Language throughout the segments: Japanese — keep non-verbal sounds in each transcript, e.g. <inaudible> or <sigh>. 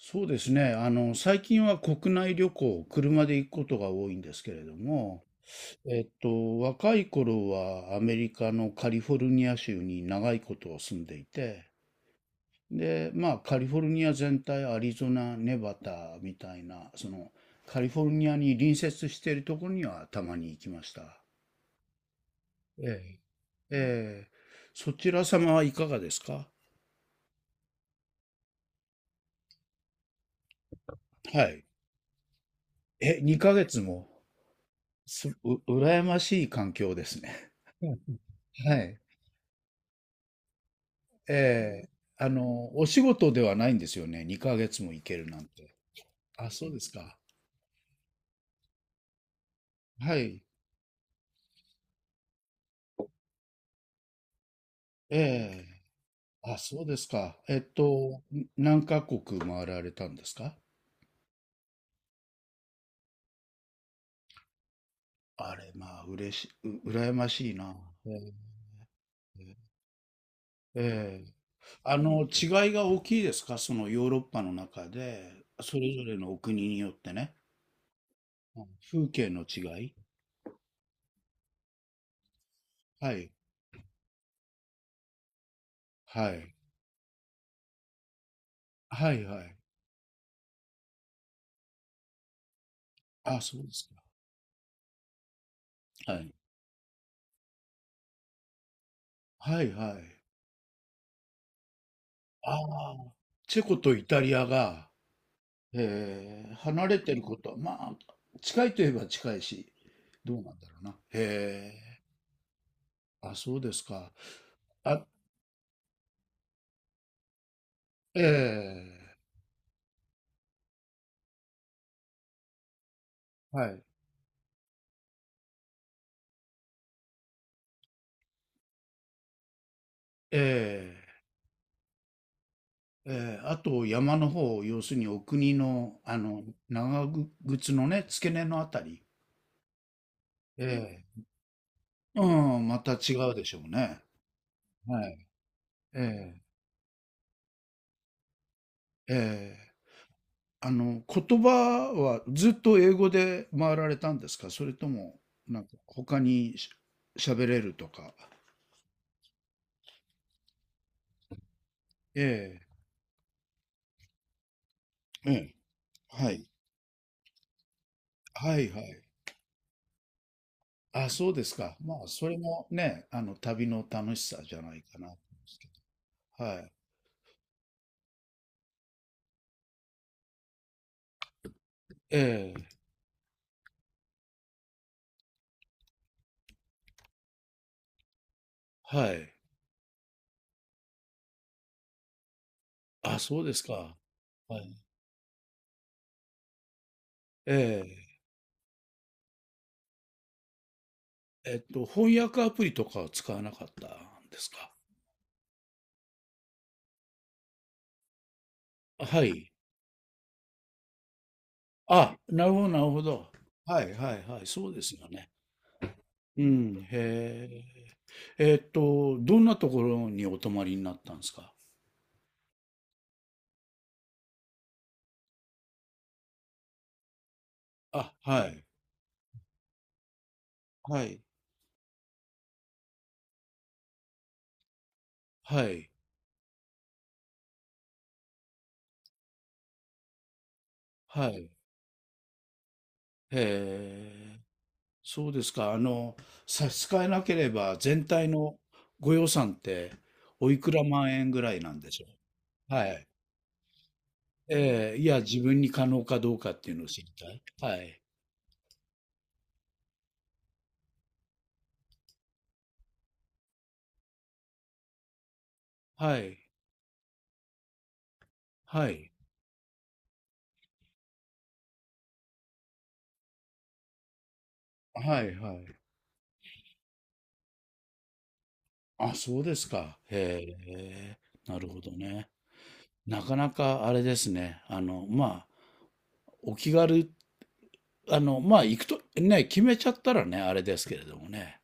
そうですね。最近は国内旅行、車で行くことが多いんですけれども、若い頃はアメリカのカリフォルニア州に長いこと住んでいて、で、まあ、カリフォルニア全体、アリゾナ、ネバダみたいな、カリフォルニアに隣接しているところにはたまに行きました。ええ。ええ、そちら様はいかがですか？はい。2ヶ月も、羨ましい環境ですね。<laughs> はい。ええ、お仕事ではないんですよね。2ヶ月も行けるなんて。あ、そうですか。はい。ええ。あ、そうですか。何カ国回られたんですか？あれ、まあ、嬉し、う、羨ましいな。ええ。ええ違いが大きいですか？そのヨーロッパの中で、それぞれのお国によってね。風景の違い。はい。はい。はい、はい。あ、そうですか。はい。はい、はい。ああ、チェコとイタリアが、離れてることは、まあ、近いといえば近いし、どうなんだろうな。へえ、あ、そうですか。あ、ええ、はい。ええ、ええ、あと山の方、要するにお国の、長靴のね、付け根のあたり。ええ、うん、また違うでしょうね。はい。ええ、ええ。言葉はずっと英語で回られたんですか？それとも、なんか他に喋れるとか。ええ、ええ、はい。はいはい。あ、そうですか。まあ、それもね、旅の楽しさじゃないかなと思うんですけど。はい。ええ、はい。あ、そうですか。はい。ええ、翻訳アプリとかは使わなかったんですか？はい。あ、なるほどなるほど。はいはいはい、そうですよね。うん、へえ。どんなところにお泊まりになったんですか？あ、はい、はい、はい、はい。へえ、そうですか。差し支えなければ、全体のご予算って、おいくら万円ぐらいなんでしょう？はい。ええ、いや、自分に可能かどうかっていうのを知りたい。はい、はい、はい、はい、はい。あ、そうですか。へえ、なるほどね。なかなかあれですね。まあ、お気軽、まあ、行くと、ね、決めちゃったらね、あれですけれどもね。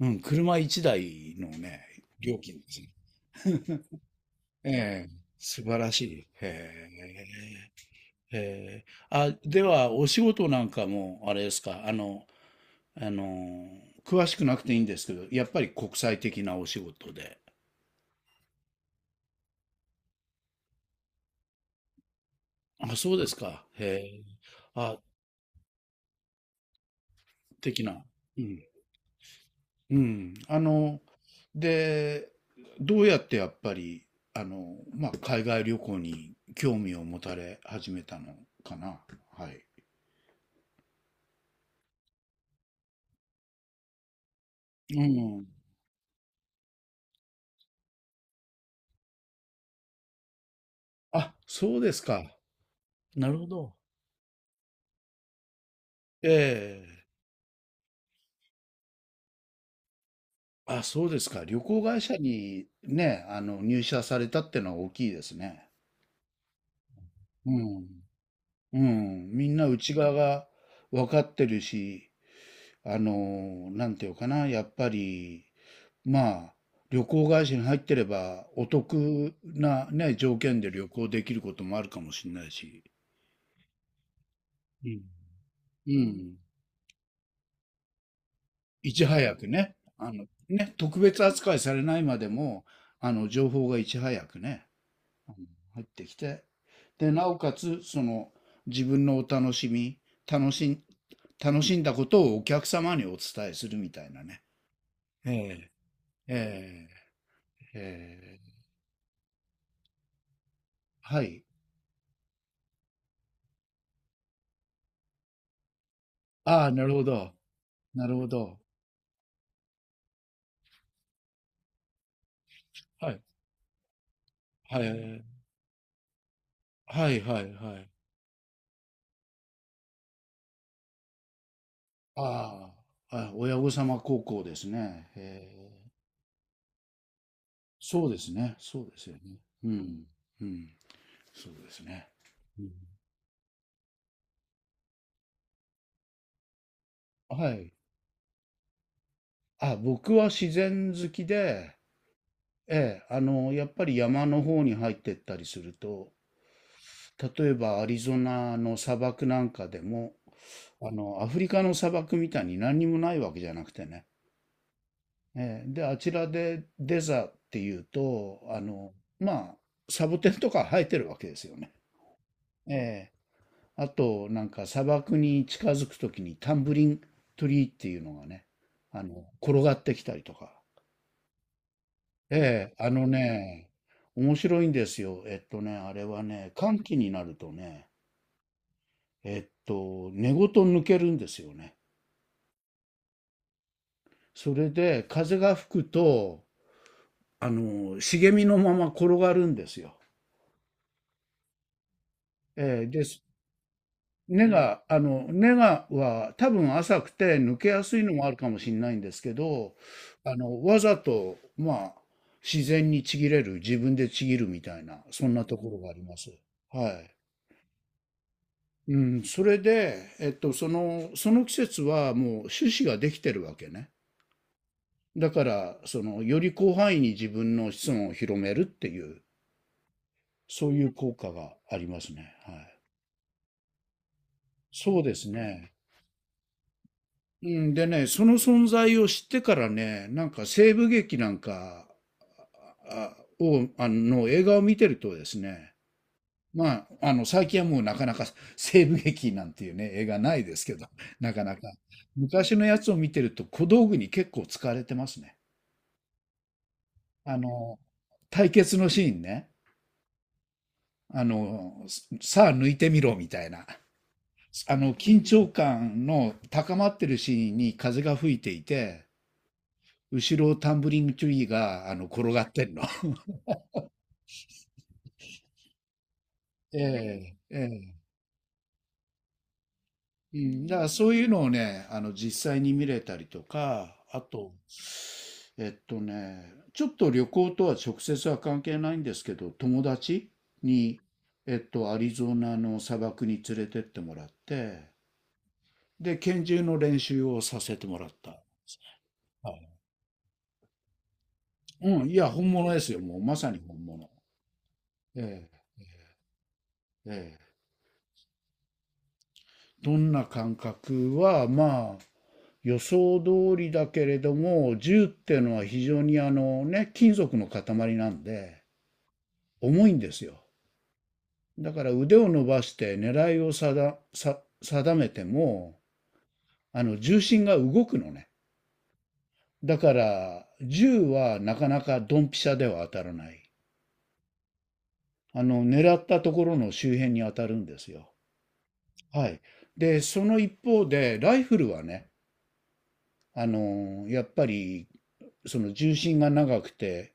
うん、車1台のね、料金ですね。ええ、素晴らしい。へえ、へえ。あ、では、お仕事なんかも、あれですか、あの、詳しくなくていいんですけど、やっぱり国際的なお仕事で。あ、そうですか。へえ。あ、的な。うん。うん。で、どうやってやっぱり、まあ、海外旅行に興味を持たれ始めたのかな。はい。うん。あ、そうですか。なるほど。ええ。あ、そうですか。旅行会社にね、入社されたってのは大きいですね。うん。うん。みんな内側が分かってるし、なんていうかな。やっぱり、まあ、旅行会社に入ってれば、お得なね、条件で旅行できることもあるかもしれないし、うん。うん。いち早くね、ね、特別扱いされないまでも、情報がいち早くね、あの入ってきて、で、なおかつ、その、自分のお楽しみ、楽しん、楽しんだことをお客様にお伝えするみたいなね。ええ。ええ、ええ、はい。ああ、なるほど。なるほど。はい。はい、はいはいはい。ああ、あ親御様高校ですね。へえ、そうですね。そうですよね。うん。うん。そうですね。うん、はい。あ、僕は自然好きで、ええ、やっぱり山の方に入ってったりすると、例えばアリゾナの砂漠なんかでも、アフリカの砂漠みたいに何にもないわけじゃなくてね、で、あちらでデザっていうと、まあ、サボテンとか生えてるわけですよね。えーあと、なんか砂漠に近づくときにタンブリントリーっていうのがね、転がってきたりとか。ええあのね、面白いんですよ。あれはね、寒気になるとね、根ごと抜けるんですよね。それで風が吹くと、茂みのまま転がるんですよ。ええで、根がは多分浅くて抜けやすいのもあるかもしれないんですけど、わざと、まあ、自然にちぎれる、自分でちぎるみたいな、そんなところがあります。はい。うん、それで、その、季節はもう種子ができてるわけね。だから、より広範囲に自分の子孫を広めるっていう、そういう効果がありますね。はい。そうですね。うんでね、その存在を知ってからね、なんか西部劇なんかあの映画を見てるとですね、まあ、最近はもうなかなか <laughs> 西部劇なんていうね、映画ないですけど、なかなか。昔のやつを見てると小道具に結構使われてますね。あの、対決のシーンね。あの、さあ抜いてみろみたいな。緊張感の高まってるシーンに風が吹いていて、後ろタンブリングトゥリーが転がってんの。<laughs> ええええうんだからそういうのをね、実際に見れたりとか、あと、ちょっと旅行とは直接は関係ないんですけど、友達に、アリゾナの砂漠に連れてってもらって、で、拳銃の練習をさせてもらった。はい。うん、いや、本物ですよ、もう、まさに本物。ええ、ええ。どんな感覚は、まあ、予想通りだけれども、銃っていうのは非常にあのね、金属の塊なんで、重いんですよ。だから腕を伸ばして狙いを定めても、重心が動くのね。だから、銃はなかなかドンピシャでは当たらない。狙ったところの周辺に当たるんですよ。はい。で、その一方で、ライフルはね、やっぱり、その重心が長くて、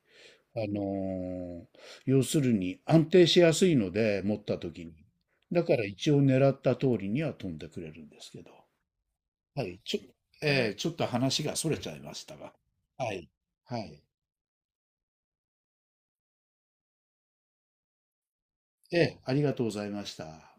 あのー要するに安定しやすいので、持った時に。だから一応狙った通りには飛んでくれるんですけど。はい。ちょっと話が逸れちゃいましたが。はい。はい。ええ、ありがとうございました。